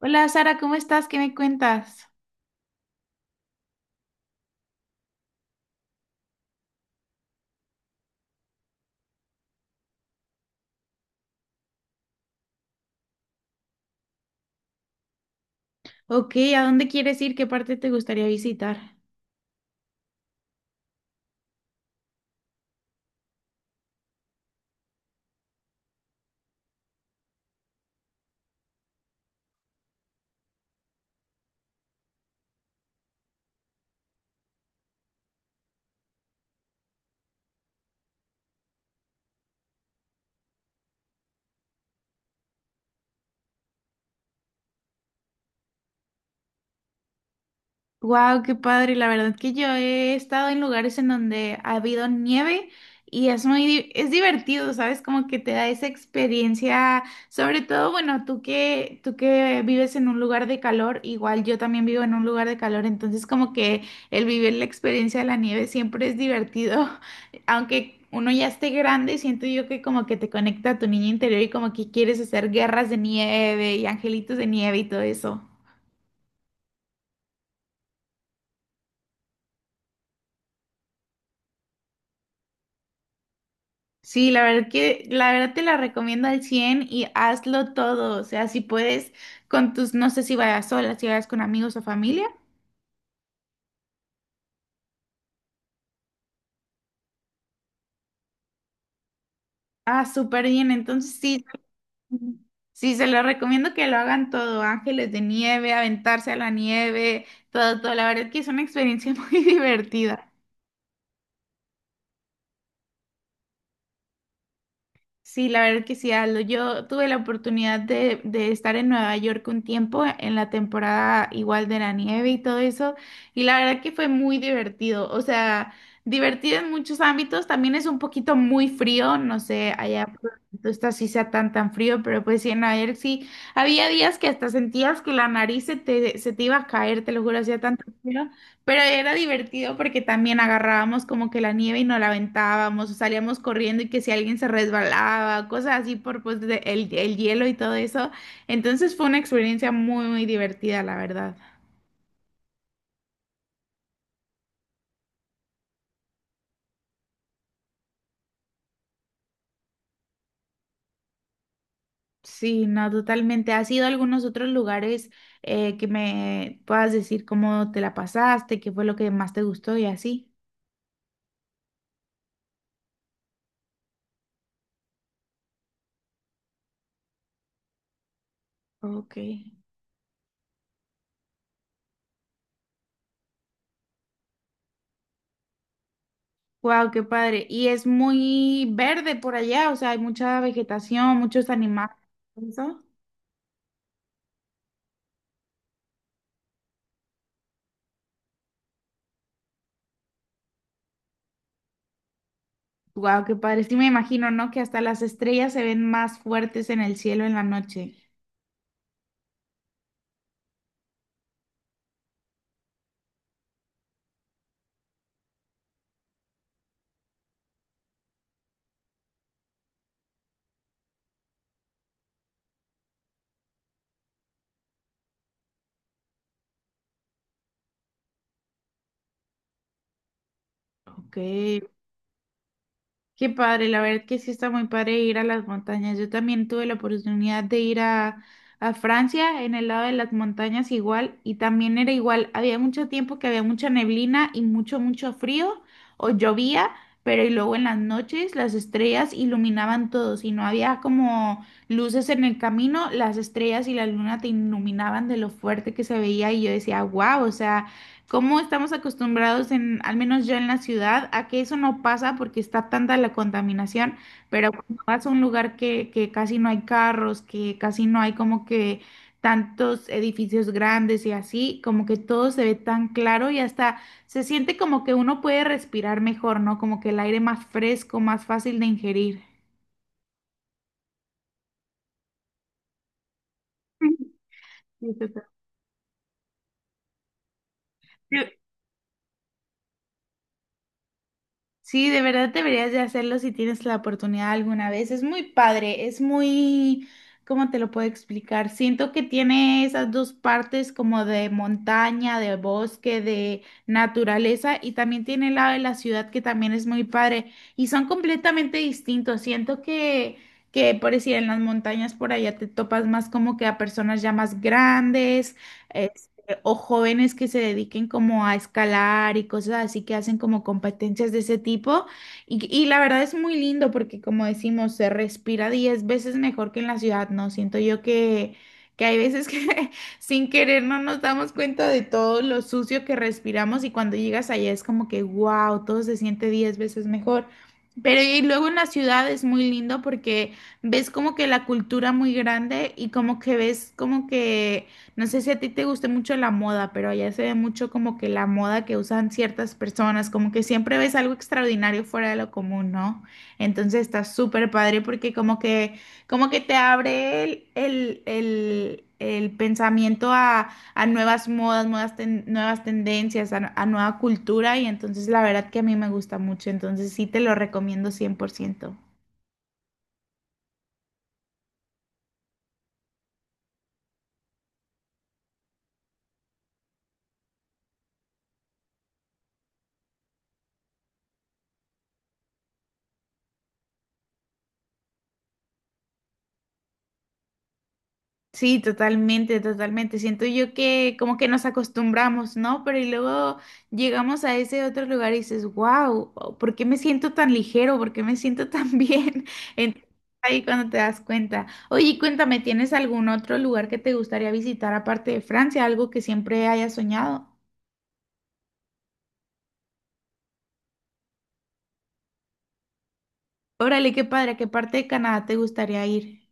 Hola Sara, ¿cómo estás? ¿Qué me cuentas? Ok, ¿a dónde quieres ir? ¿Qué parte te gustaría visitar? Wow, qué padre. La verdad que yo he estado en lugares en donde ha habido nieve y es muy, es divertido, ¿sabes? Como que te da esa experiencia, sobre todo, bueno, tú que vives en un lugar de calor, igual yo también vivo en un lugar de calor, entonces como que el vivir la experiencia de la nieve siempre es divertido, aunque uno ya esté grande, siento yo que como que te conecta a tu niño interior y como que quieres hacer guerras de nieve y angelitos de nieve y todo eso. Sí, la verdad que la verdad te la recomiendo al 100 y hazlo todo, o sea, si puedes con tus, no sé si vayas sola, si vayas con amigos o familia. Ah, súper bien, entonces sí, sí, se lo recomiendo que lo hagan todo, ángeles de nieve, aventarse a la nieve, todo, todo, la verdad que es una experiencia muy divertida. Sí, la verdad que sí, Aldo. Yo tuve la oportunidad de estar en Nueva York un tiempo, en la temporada igual de la nieve y todo eso, y la verdad que fue muy divertido. O sea, divertido en muchos ámbitos, también es un poquito muy frío, no sé, allá por donde tú estás sí sea tan tan frío, pero pues sí, en Nueva York sí, había días que hasta sentías que la nariz se te iba a caer, te lo juro, hacía tanto frío. Pero era divertido porque también agarrábamos como que la nieve y nos la aventábamos, o salíamos corriendo y que si alguien se resbalaba, cosas así por pues el hielo y todo eso. Entonces fue una experiencia muy, muy divertida, la verdad. Sí, no, totalmente. ¿Has ido a algunos otros lugares que me puedas decir cómo te la pasaste, qué fue lo que más te gustó y así? Ok. Wow, qué padre. Y es muy verde por allá, o sea, hay mucha vegetación, muchos animales. ¿Eso? Wow, qué padre. Sí me imagino, ¿no? Que hasta las estrellas se ven más fuertes en el cielo en la noche. Ok. Qué padre, la verdad que sí está muy padre ir a las montañas. Yo también tuve la oportunidad de ir a Francia, en el lado de las montañas igual, y también era igual. Había mucho tiempo que había mucha neblina y mucho, mucho frío, o llovía, pero y luego en las noches las estrellas iluminaban todo. Si no había como luces en el camino, las estrellas y la luna te iluminaban de lo fuerte que se veía y yo decía, wow, o sea... ¿Cómo estamos acostumbrados en, al menos yo en la ciudad, a que eso no pasa porque está tanta la contaminación? Pero cuando vas a un lugar que casi no hay carros, que casi no hay como que tantos edificios grandes y así, como que todo se ve tan claro y hasta se siente como que uno puede respirar mejor, ¿no? Como que el aire más fresco, más fácil de ingerir. Sí, total. Sí, de verdad deberías de hacerlo si tienes la oportunidad alguna vez. Es muy padre, es muy, ¿cómo te lo puedo explicar? Siento que tiene esas dos partes como de montaña, de bosque, de naturaleza y también tiene el lado de la ciudad que también es muy padre y son completamente distintos. Siento que por decir, en las montañas por allá te topas más como que a personas ya más grandes eh, o jóvenes que se dediquen como a escalar y cosas así que hacen como competencias de ese tipo. Y la verdad es muy lindo porque como decimos, se respira 10 veces mejor que en la ciudad, ¿no? Siento yo que hay veces que sin querer no nos damos cuenta de todo lo sucio que respiramos y cuando llegas allá es como que, wow, todo se siente 10 veces mejor. Pero y luego en la ciudad es muy lindo porque ves como que la cultura muy grande y como que ves como que no sé si a ti te guste mucho la moda, pero allá se ve mucho como que la moda que usan ciertas personas, como que siempre ves algo extraordinario fuera de lo común, ¿no? Entonces está súper padre porque como que te abre el pensamiento a nuevas modas, nuevas, nuevas tendencias, a nueva cultura y entonces la verdad que a mí me gusta mucho, entonces sí te lo recomiendo cien por ciento. Sí, totalmente, totalmente. Siento yo que como que nos acostumbramos, ¿no? Pero y luego llegamos a ese otro lugar y dices, wow, ¿por qué me siento tan ligero? ¿Por qué me siento tan bien? Entonces, ahí cuando te das cuenta. Oye, y cuéntame, ¿tienes algún otro lugar que te gustaría visitar aparte de Francia? Algo que siempre hayas soñado. Órale, qué padre, ¿a qué parte de Canadá te gustaría ir?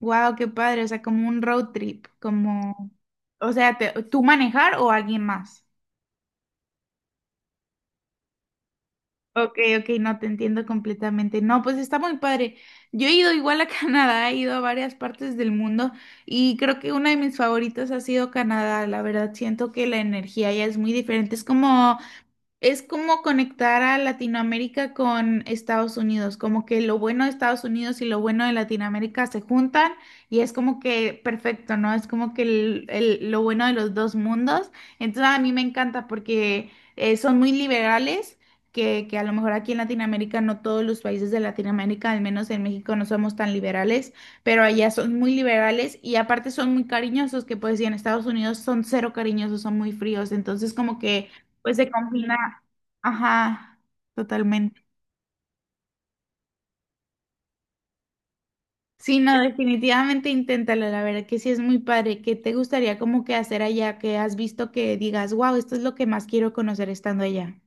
Wow, qué padre, o sea, como un road trip, como, o sea, ¿tú manejar o alguien más? Ok, ok, no te entiendo completamente. No, pues está muy padre. Yo he ido igual a Canadá, he ido a varias partes del mundo y creo que una de mis favoritas ha sido Canadá. La verdad, siento que la energía ya es muy diferente. Es como conectar a Latinoamérica con Estados Unidos, como que lo bueno de Estados Unidos y lo bueno de Latinoamérica se juntan y es como que perfecto, ¿no? Es como que el- lo bueno de los dos mundos. Entonces a mí me encanta porque son muy liberales, que a lo mejor aquí en Latinoamérica, no todos los países de Latinoamérica, al menos en México no somos tan liberales, pero allá son muy liberales y aparte son muy cariñosos, que pues y en Estados Unidos son cero cariñosos, son muy fríos. Entonces como que... Pues se combina, ajá, totalmente. Sí, no, definitivamente inténtalo, la verdad que sí es muy padre. ¿Qué te gustaría como que hacer allá? ¿que has visto que digas, wow, esto es lo que más quiero conocer estando allá?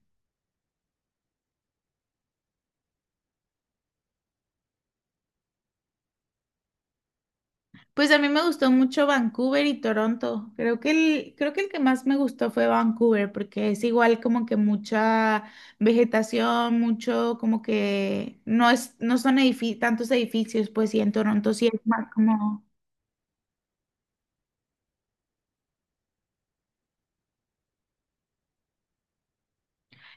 Pues a mí me gustó mucho Vancouver y Toronto. Creo que el que más me gustó fue Vancouver, porque es igual como que mucha vegetación, mucho como que no es, no son tantos edificios, pues sí, en Toronto sí es más como...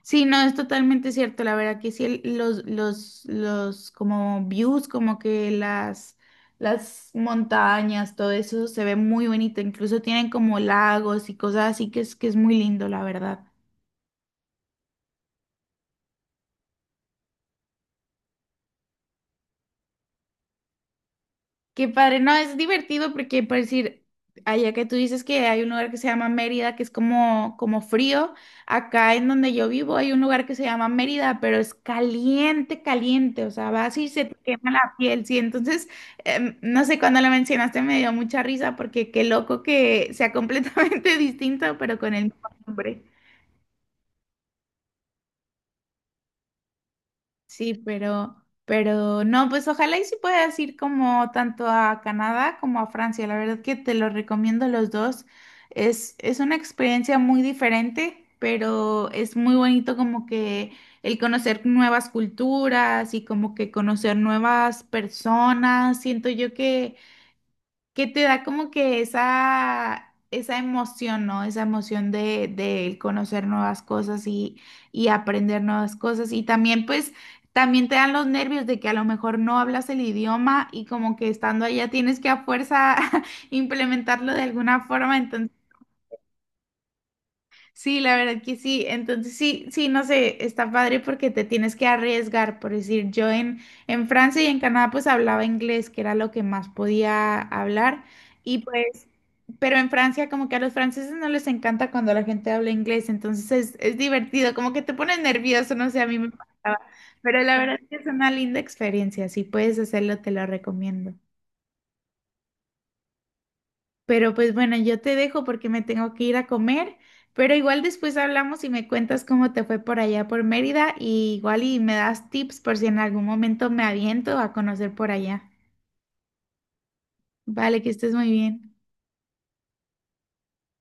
Sí, no, es totalmente cierto. La verdad que sí, los como views, como que las montañas, todo eso se ve muy bonito. Incluso tienen como lagos y cosas así que es muy lindo, la verdad. Qué padre, no, es divertido porque, por decir, allá que tú dices que hay un lugar que se llama Mérida, que es como, como frío, acá en donde yo vivo hay un lugar que se llama Mérida, pero es caliente, caliente, o sea, vas y se te quema la piel, sí, entonces, no sé, cuando lo mencionaste me dio mucha risa porque qué loco que sea completamente distinto, pero con el mismo nombre. Sí, pero no, pues ojalá y sí puedas ir como tanto a Canadá como a Francia. La verdad que te lo recomiendo los dos. Es una experiencia muy diferente, pero es muy bonito como que el conocer nuevas culturas y como que conocer nuevas personas. Siento yo que te da como que esa emoción, ¿no? Esa emoción de conocer nuevas cosas y aprender nuevas cosas. Y también, pues, también te dan los nervios de que a lo mejor no hablas el idioma y como que estando allá tienes que a fuerza implementarlo de alguna forma. Sí, la verdad que sí. Entonces sí, sí, no sé, está padre porque te tienes que arriesgar, por decir, yo en Francia y en Canadá pues hablaba inglés, que era lo que más podía hablar, y pues, pero en Francia como que a los franceses no les encanta cuando la gente habla inglés, entonces es divertido, como que te pones nervioso, no sé, a mí me pasaba, pero la verdad que es una linda experiencia, si puedes hacerlo, te lo recomiendo. Pero pues bueno, yo te dejo porque me tengo que ir a comer, pero igual después hablamos y me cuentas cómo te fue por allá por Mérida y igual y me das tips por si en algún momento me aviento a conocer por allá. Vale, que estés muy bien.